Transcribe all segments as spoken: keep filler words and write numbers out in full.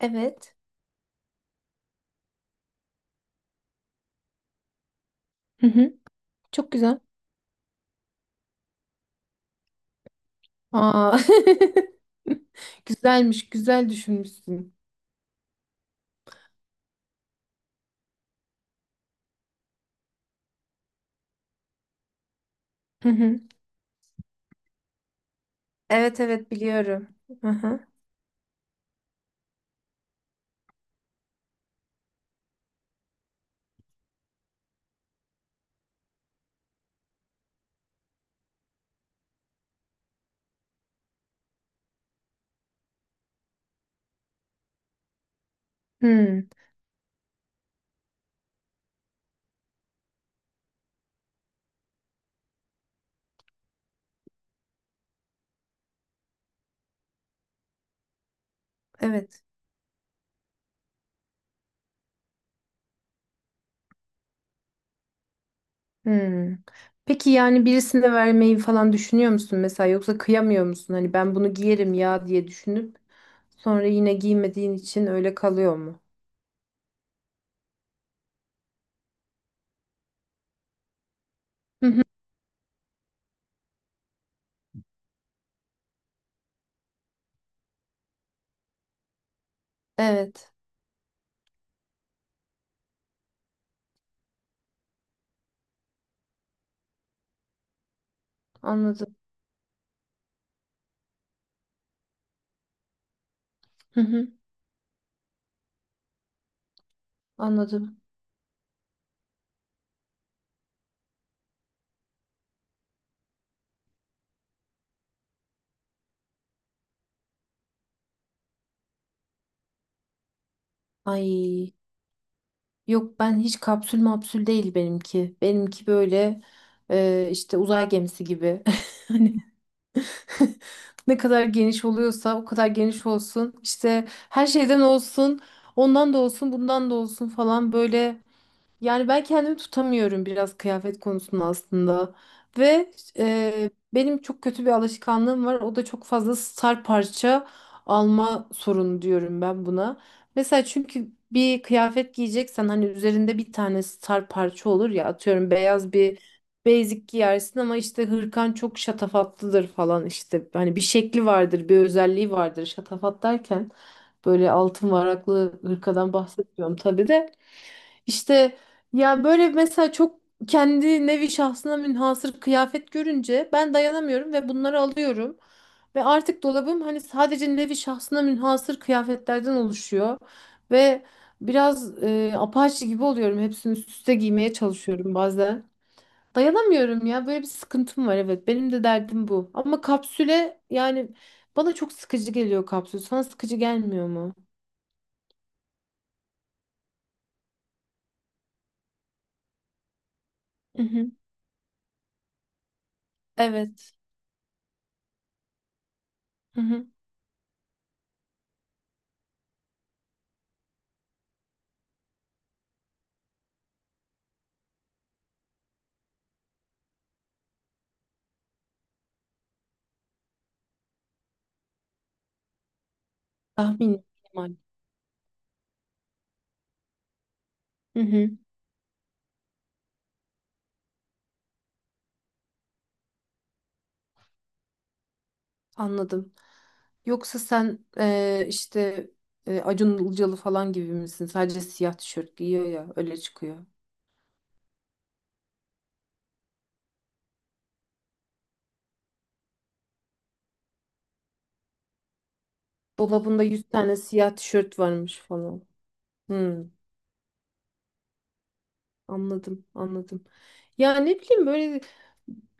Evet. Hı hı. Çok güzel. Aa. Güzelmiş, güzel düşünmüşsün. Hı hı. Evet, evet, biliyorum. Hı hı. Hmm. Evet. Hmm. Peki, yani birisine vermeyi falan düşünüyor musun mesela, yoksa kıyamıyor musun? Hani ben bunu giyerim ya diye düşünüp sonra yine giymediğin için öyle kalıyor mu? Hı hı. Evet. Anladım. Hı hı. Anladım. Ay, yok ben hiç kapsül mapsül değil benimki. Benimki böyle e, işte uzay gemisi gibi. Hani ne kadar geniş oluyorsa o kadar geniş olsun. İşte her şeyden olsun. Ondan da olsun, bundan da olsun falan, böyle yani ben kendimi tutamıyorum biraz kıyafet konusunda aslında. Ve e, benim çok kötü bir alışkanlığım var. O da çok fazla sar parça alma sorunu, diyorum ben buna. Mesela çünkü bir kıyafet giyeceksen hani üzerinde bir tane sar parça olur ya, atıyorum beyaz bir basic giyersin ama işte hırkan çok şatafatlıdır falan işte. Hani bir şekli vardır, bir özelliği vardır şatafat derken. Böyle altın varaklı hırkadan bahsetmiyorum tabii de. İşte ya böyle mesela çok kendi nevi şahsına münhasır kıyafet görünce ben dayanamıyorum ve bunları alıyorum. Ve artık dolabım hani sadece nevi şahsına münhasır kıyafetlerden oluşuyor. Ve biraz e, apaçi gibi oluyorum. Hepsini üst üste giymeye çalışıyorum bazen. Dayanamıyorum ya, böyle bir sıkıntım var, evet. Benim de derdim bu. Ama kapsüle yani bana çok sıkıcı geliyor kapsül. Sana sıkıcı gelmiyor mu? Hı hı. Evet. Hı hı. Tahmin. İhtimal. Hı hı. Anladım. Yoksa sen eee, işte eee, Acun Ilıcalı falan gibi misin? Sadece siyah tişört giyiyor ya, öyle çıkıyor. Dolabında yüz tane siyah tişört varmış falan. Hmm. Anladım, anladım. Ya ne bileyim, böyle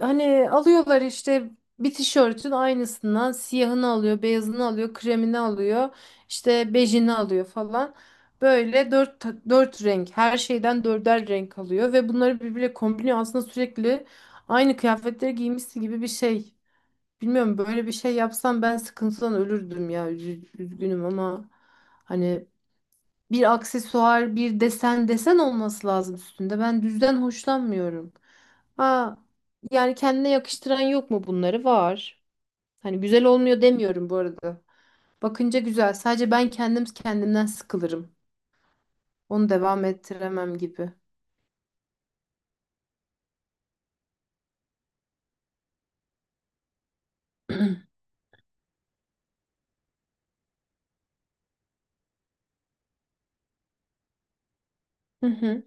hani alıyorlar işte bir tişörtün aynısından siyahını alıyor, beyazını alıyor, kremini alıyor, işte bejini alıyor falan. Böyle dört, ta- dört renk, her şeyden dörder renk alıyor ve bunları birbiriyle kombiniyor. Aslında sürekli aynı kıyafetleri giymişsin gibi bir şey. Bilmiyorum, böyle bir şey yapsam ben sıkıntıdan ölürdüm ya. Üz- Üzgünüm ama hani bir aksesuar, bir desen desen olması lazım üstünde. Ben düzden hoşlanmıyorum. Ha, yani kendine yakıştıran yok mu bunları? Var. Hani güzel olmuyor demiyorum bu arada. Bakınca güzel. Sadece ben kendim kendimden sıkılırım. Onu devam ettiremem gibi. Hı hı.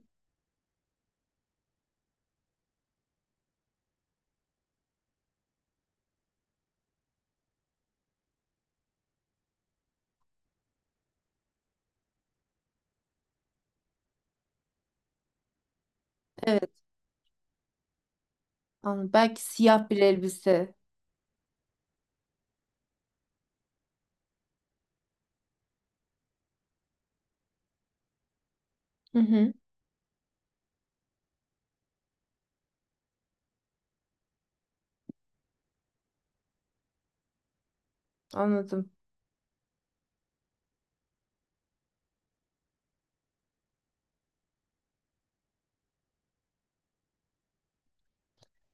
Evet. Anladım. Belki siyah bir elbise. Hı hı. Anladım.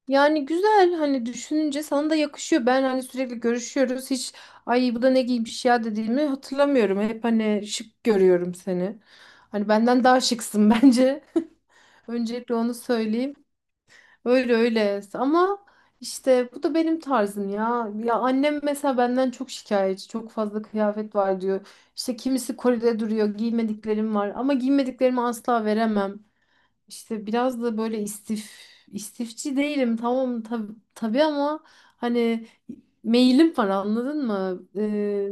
Yani güzel, hani düşününce sana da yakışıyor. Ben hani sürekli görüşüyoruz. Hiç, ay bu da ne giymiş ya, dediğimi hatırlamıyorum. Hep hani şık görüyorum seni. Hani benden daha şıksın bence. Öncelikle onu söyleyeyim. Öyle öyle. Ama işte bu da benim tarzım ya. Ya annem mesela benden çok şikayetçi. Çok fazla kıyafet var diyor. İşte kimisi kolide duruyor. Giymediklerim var. Ama giymediklerimi asla veremem. İşte biraz da böyle istif istifçi değilim, tamam, tabi tabii ama hani meyilim var, anladın mı? Ee,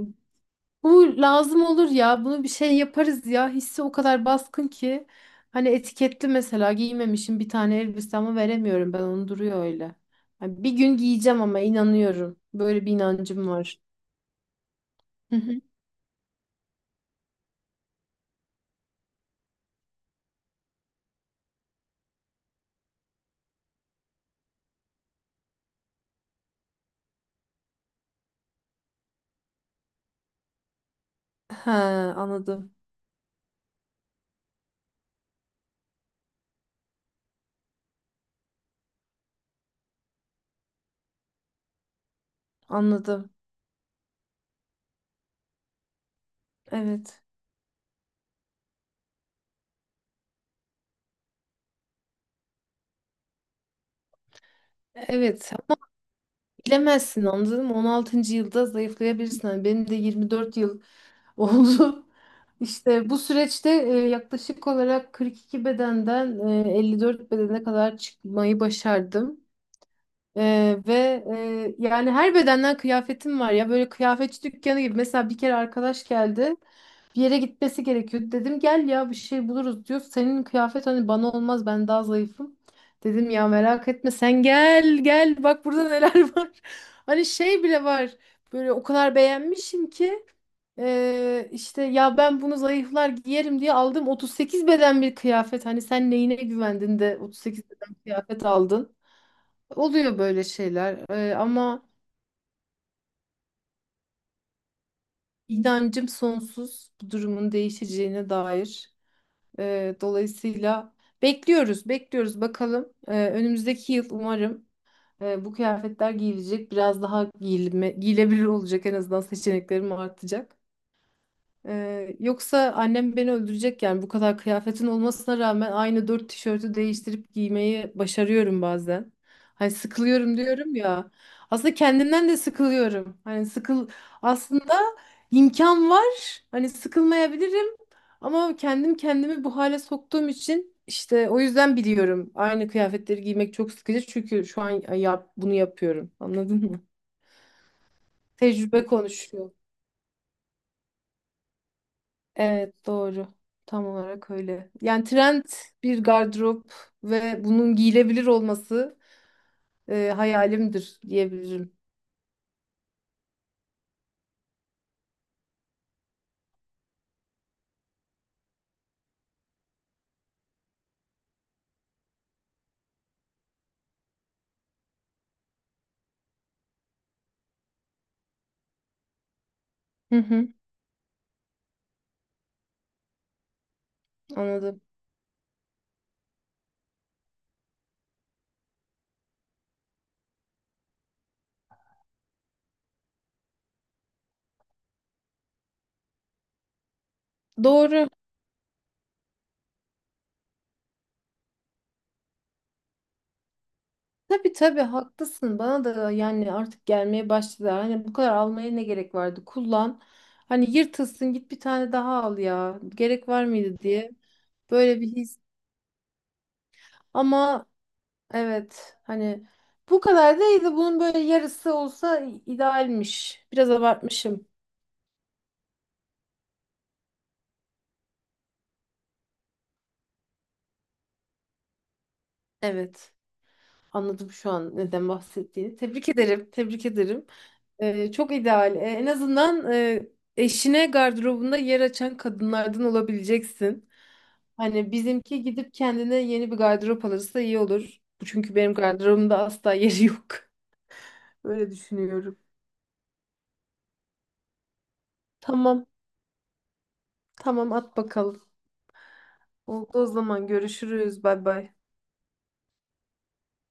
Bu lazım olur ya, bunu bir şey yaparız ya hissi o kadar baskın ki hani etiketli mesela giymemişim bir tane elbise ama veremiyorum, ben onu duruyor öyle. Yani bir gün giyeceğim ama inanıyorum, böyle bir inancım var. Hı hı. Ha, anladım, anladım, evet. Evet. Bilemezsin, anladın mı? on altıncı yılda zayıflayabilirsin. Hani benim de yirmi dört yıl oldu. İşte bu süreçte e, yaklaşık olarak kırk iki bedenden e, elli dört bedene kadar çıkmayı başardım. E, ve e, yani her bedenden kıyafetim var ya, böyle kıyafetçi dükkanı gibi. Mesela bir kere arkadaş geldi, bir yere gitmesi gerekiyor. Dedim gel ya bir şey buluruz, diyor senin kıyafet hani bana olmaz, ben daha zayıfım. Dedim ya merak etme, sen gel gel bak, burada neler var. Hani şey bile var, böyle o kadar beğenmişim ki eee, işte ya ben bunu zayıflar giyerim diye aldım, otuz sekiz beden bir kıyafet. Hani sen neyine güvendin de otuz sekiz beden kıyafet aldın. Oluyor böyle şeyler. Eee, ama inancım sonsuz bu durumun değişeceğine dair. Ee, dolayısıyla bekliyoruz, bekliyoruz bakalım. Ee, önümüzdeki yıl umarım e, bu kıyafetler giyilecek, biraz daha giyilme, giyilebilir olacak, en azından seçeneklerim artacak. Ee, yoksa annem beni öldürecek yani bu kadar kıyafetin olmasına rağmen aynı dört tişörtü değiştirip giymeyi başarıyorum bazen. Hani sıkılıyorum diyorum ya. Aslında kendimden de sıkılıyorum. Hani sıkıl aslında imkan var. Hani sıkılmayabilirim ama kendim kendimi bu hale soktuğum için işte o yüzden biliyorum. Aynı kıyafetleri giymek çok sıkıcı çünkü şu an yap bunu yapıyorum. Anladın mı? Tecrübe konuşuyor. Evet, doğru. Tam olarak öyle. Yani trend bir gardırop ve bunun giyilebilir olması e, hayalimdir diyebilirim. Hı hı, anladım. Doğru. Tabii tabii haklısın. Bana da yani artık gelmeye başladı. Hani bu kadar almaya ne gerek vardı? Kullan. Hani yırtılsın git bir tane daha al ya. Gerek var mıydı diye. Böyle bir his. Ama evet hani bu kadar değil de bunun böyle yarısı olsa idealmiş. Biraz abartmışım. Evet. Anladım şu an neden bahsettiğini. Tebrik ederim. Tebrik ederim. Ee, çok ideal. Ee, en azından e, eşine gardırobunda yer açan kadınlardan olabileceksin. Hani bizimki gidip kendine yeni bir gardırop alırsa iyi olur. Çünkü benim gardırobumda asla yeri yok. Öyle düşünüyorum. Tamam. Tamam, at bakalım. Oldu o zaman, görüşürüz. Bay bay.